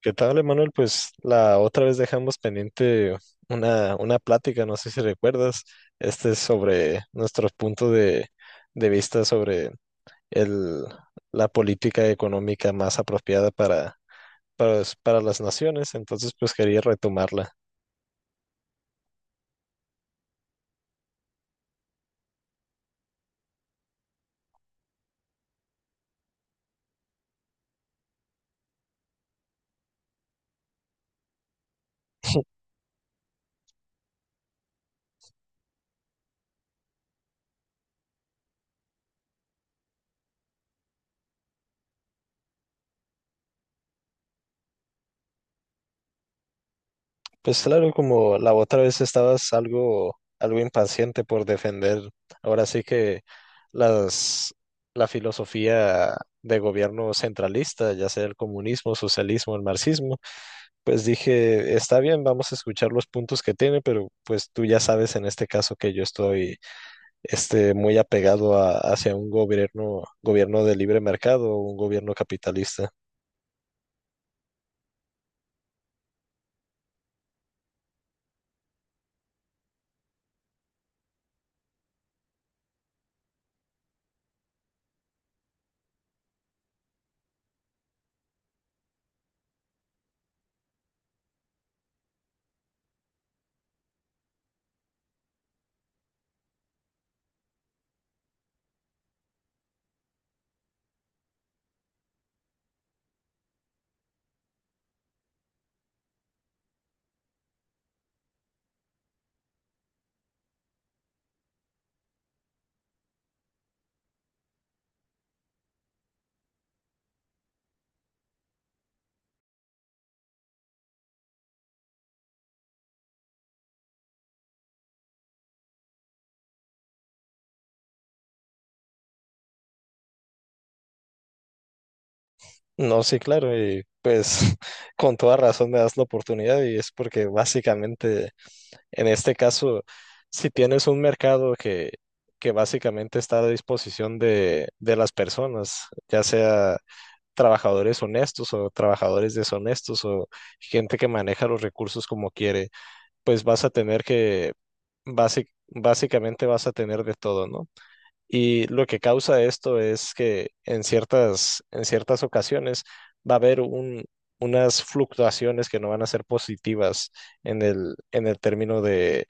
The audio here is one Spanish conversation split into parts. ¿Qué tal, Emanuel? Pues la otra vez dejamos pendiente una plática, no sé si recuerdas, este es sobre nuestro punto de vista sobre el, la política económica más apropiada para las naciones, entonces pues quería retomarla. Pues claro, como la otra vez estabas algo impaciente por defender, ahora sí que las, la filosofía de gobierno centralista, ya sea el comunismo, socialismo, el marxismo. Pues dije, está bien, vamos a escuchar los puntos que tiene, pero pues tú ya sabes en este caso que yo estoy muy apegado hacia un gobierno de libre mercado, un gobierno capitalista. No, sí, claro, y pues con toda razón me das la oportunidad y es porque básicamente en este caso, si tienes un mercado que básicamente está a disposición de las personas, ya sea trabajadores honestos o trabajadores deshonestos o gente que maneja los recursos como quiere, pues vas a tener que, básicamente vas a tener de todo, ¿no? Y lo que causa esto es que en en ciertas ocasiones va a haber unas fluctuaciones que no van a ser positivas en en el término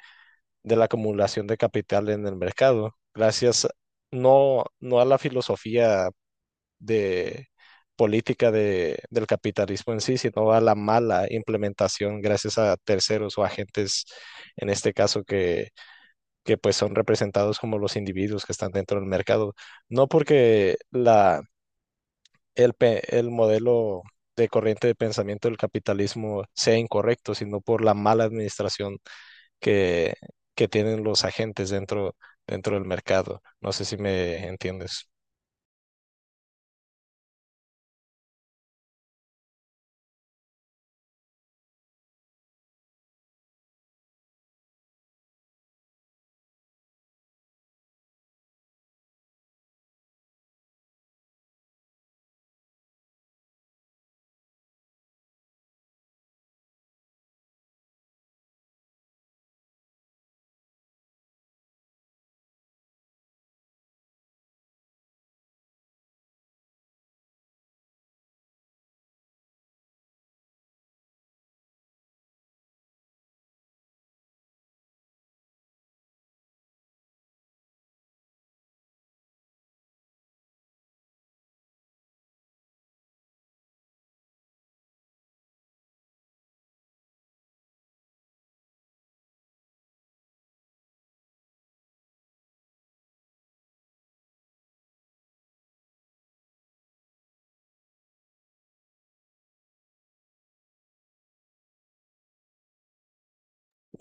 de la acumulación de capital en el mercado, gracias no a la filosofía de política del capitalismo en sí, sino a la mala implementación gracias a terceros o agentes, en este caso, que pues son representados como los individuos que están dentro del mercado. No porque el modelo de corriente de pensamiento del capitalismo sea incorrecto, sino por la mala administración que, que tienen los agentes dentro del mercado. No sé si me entiendes.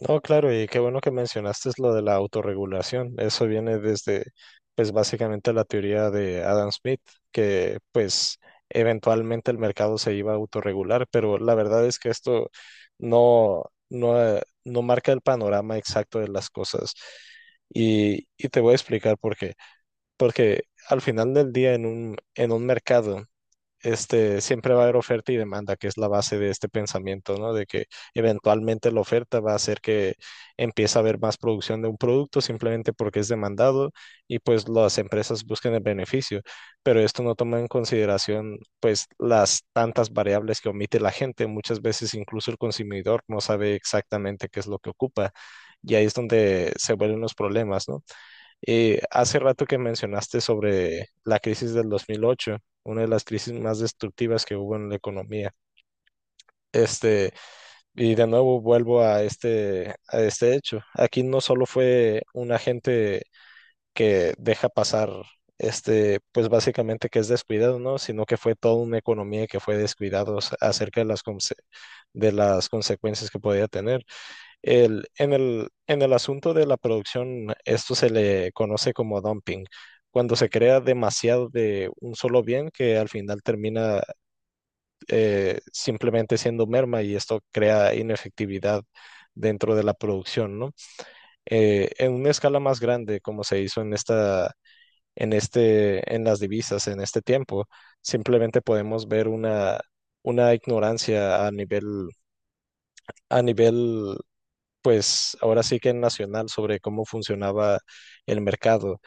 No, claro, y qué bueno que mencionaste lo de la autorregulación. Eso viene desde, pues básicamente la teoría de Adam Smith, que pues eventualmente el mercado se iba a autorregular, pero la verdad es que esto no, no marca el panorama exacto de las cosas. Y te voy a explicar por qué. Porque al final del día en en un mercado, siempre va a haber oferta y demanda, que es la base de este pensamiento, ¿no? De que eventualmente la oferta va a hacer que empiece a haber más producción de un producto simplemente porque es demandado y pues las empresas buscan el beneficio, pero esto no toma en consideración pues las tantas variables que omite la gente, muchas veces incluso el consumidor no sabe exactamente qué es lo que ocupa. Y ahí es donde se vuelven los problemas, ¿no? Y hace rato que mencionaste sobre la crisis del 2008, una de las crisis más destructivas que hubo en la economía. Este, y de nuevo vuelvo a a este hecho. Aquí no solo fue un agente que deja pasar, pues básicamente que es descuidado, ¿no? Sino que fue toda una economía que fue descuidada acerca de de las consecuencias que podía tener. En el asunto de la producción, esto se le conoce como dumping, cuando se crea demasiado de un solo bien que al final termina simplemente siendo merma y esto crea inefectividad dentro de la producción, ¿no? En una escala más grande, como se hizo en en las divisas en este tiempo, simplemente podemos ver una ignorancia a a nivel pues ahora sí que nacional sobre cómo funcionaba el mercado.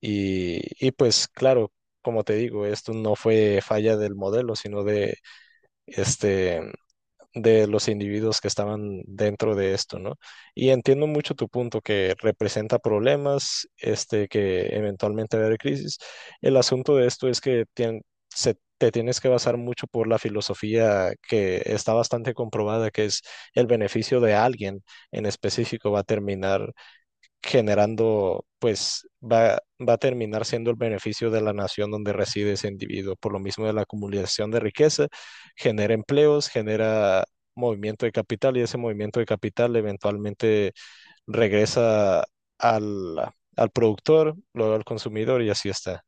Y, y pues claro, como te digo, esto no fue falla del modelo, sino de este de los individuos que estaban dentro de esto, ¿no? Y entiendo mucho tu punto que representa problemas, que eventualmente va a haber crisis. El asunto de esto es que tien- se, te tienes que basar mucho por la filosofía que está bastante comprobada, que es el beneficio de alguien en específico va a terminar generando, pues va a terminar siendo el beneficio de la nación donde reside ese individuo. Por lo mismo de la acumulación de riqueza, genera empleos, genera movimiento de capital y ese movimiento de capital eventualmente regresa al, al productor, luego al consumidor y así está.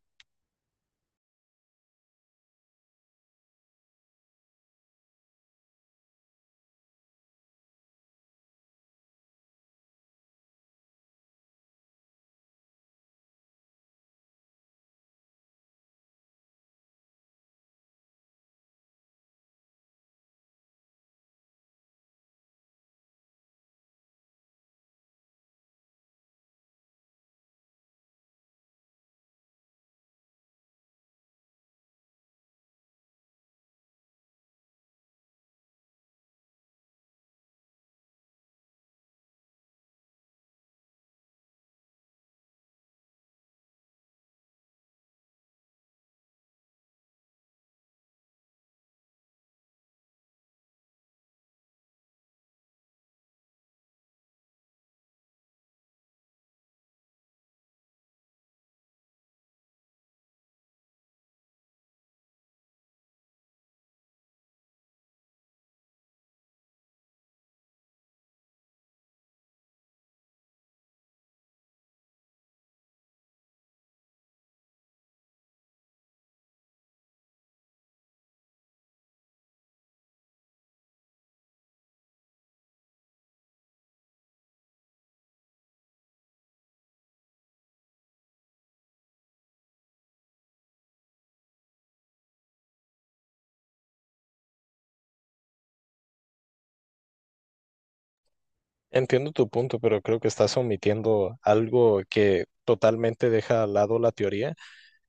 Entiendo tu punto, pero creo que estás omitiendo algo que totalmente deja al lado la teoría.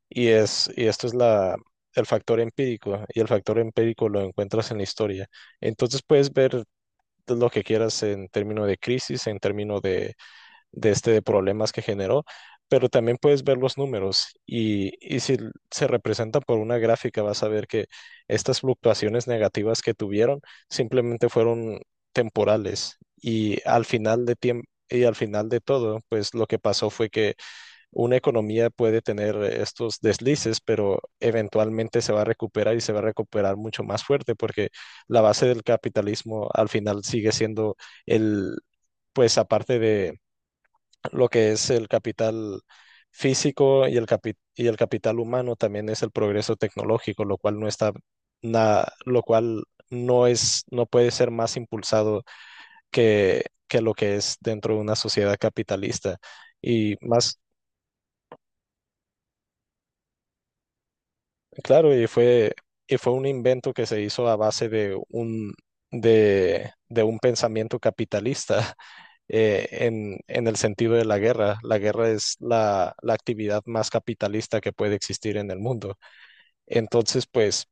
Y esto es el factor empírico, y el factor empírico lo encuentras en la historia. Entonces puedes ver lo que quieras en términos de crisis, en términos de problemas que generó, pero también puedes ver los números y si se representan por una gráfica, vas a ver que estas fluctuaciones negativas que tuvieron simplemente fueron temporales y al final de tiempo. Y al final de todo, pues lo que pasó fue que una economía puede tener estos deslices, pero eventualmente se va a recuperar y se va a recuperar mucho más fuerte porque la base del capitalismo al final sigue siendo el, pues aparte de lo que es el capital físico y y el capital humano, también es el progreso tecnológico, lo cual no está lo cual no es, no puede ser más impulsado que lo que es dentro de una sociedad capitalista. Y más. Claro, y y fue un invento que se hizo a base de de un pensamiento capitalista en el sentido de la guerra. La guerra es la actividad más capitalista que puede existir en el mundo. Entonces, pues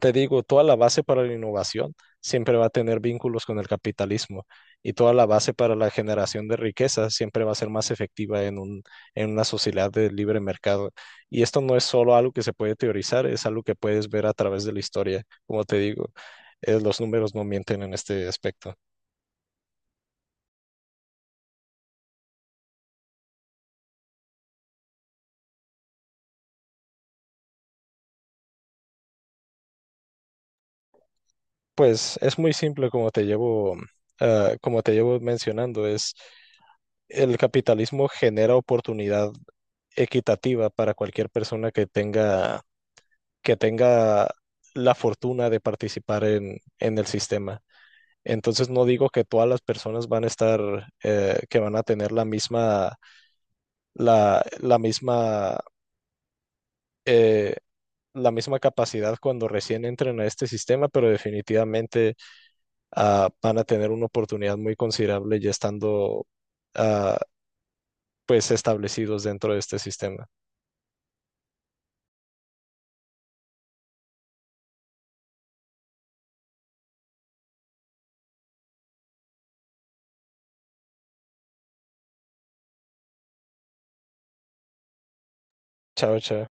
te digo, toda la base para la innovación siempre va a tener vínculos con el capitalismo y toda la base para la generación de riqueza siempre va a ser más efectiva en un, en una sociedad de libre mercado. Y esto no es solo algo que se puede teorizar, es algo que puedes ver a través de la historia. Como te digo, los números no mienten en este aspecto. Pues es muy simple como te como te llevo mencionando, es el capitalismo genera oportunidad equitativa para cualquier persona que tenga la fortuna de participar en el sistema. Entonces no digo que todas las personas van a que van a tener la misma, la misma, eh, la misma capacidad cuando recién entren a este sistema, pero definitivamente van a tener una oportunidad muy considerable ya estando ah, pues establecidos dentro de este sistema. Chao, chao.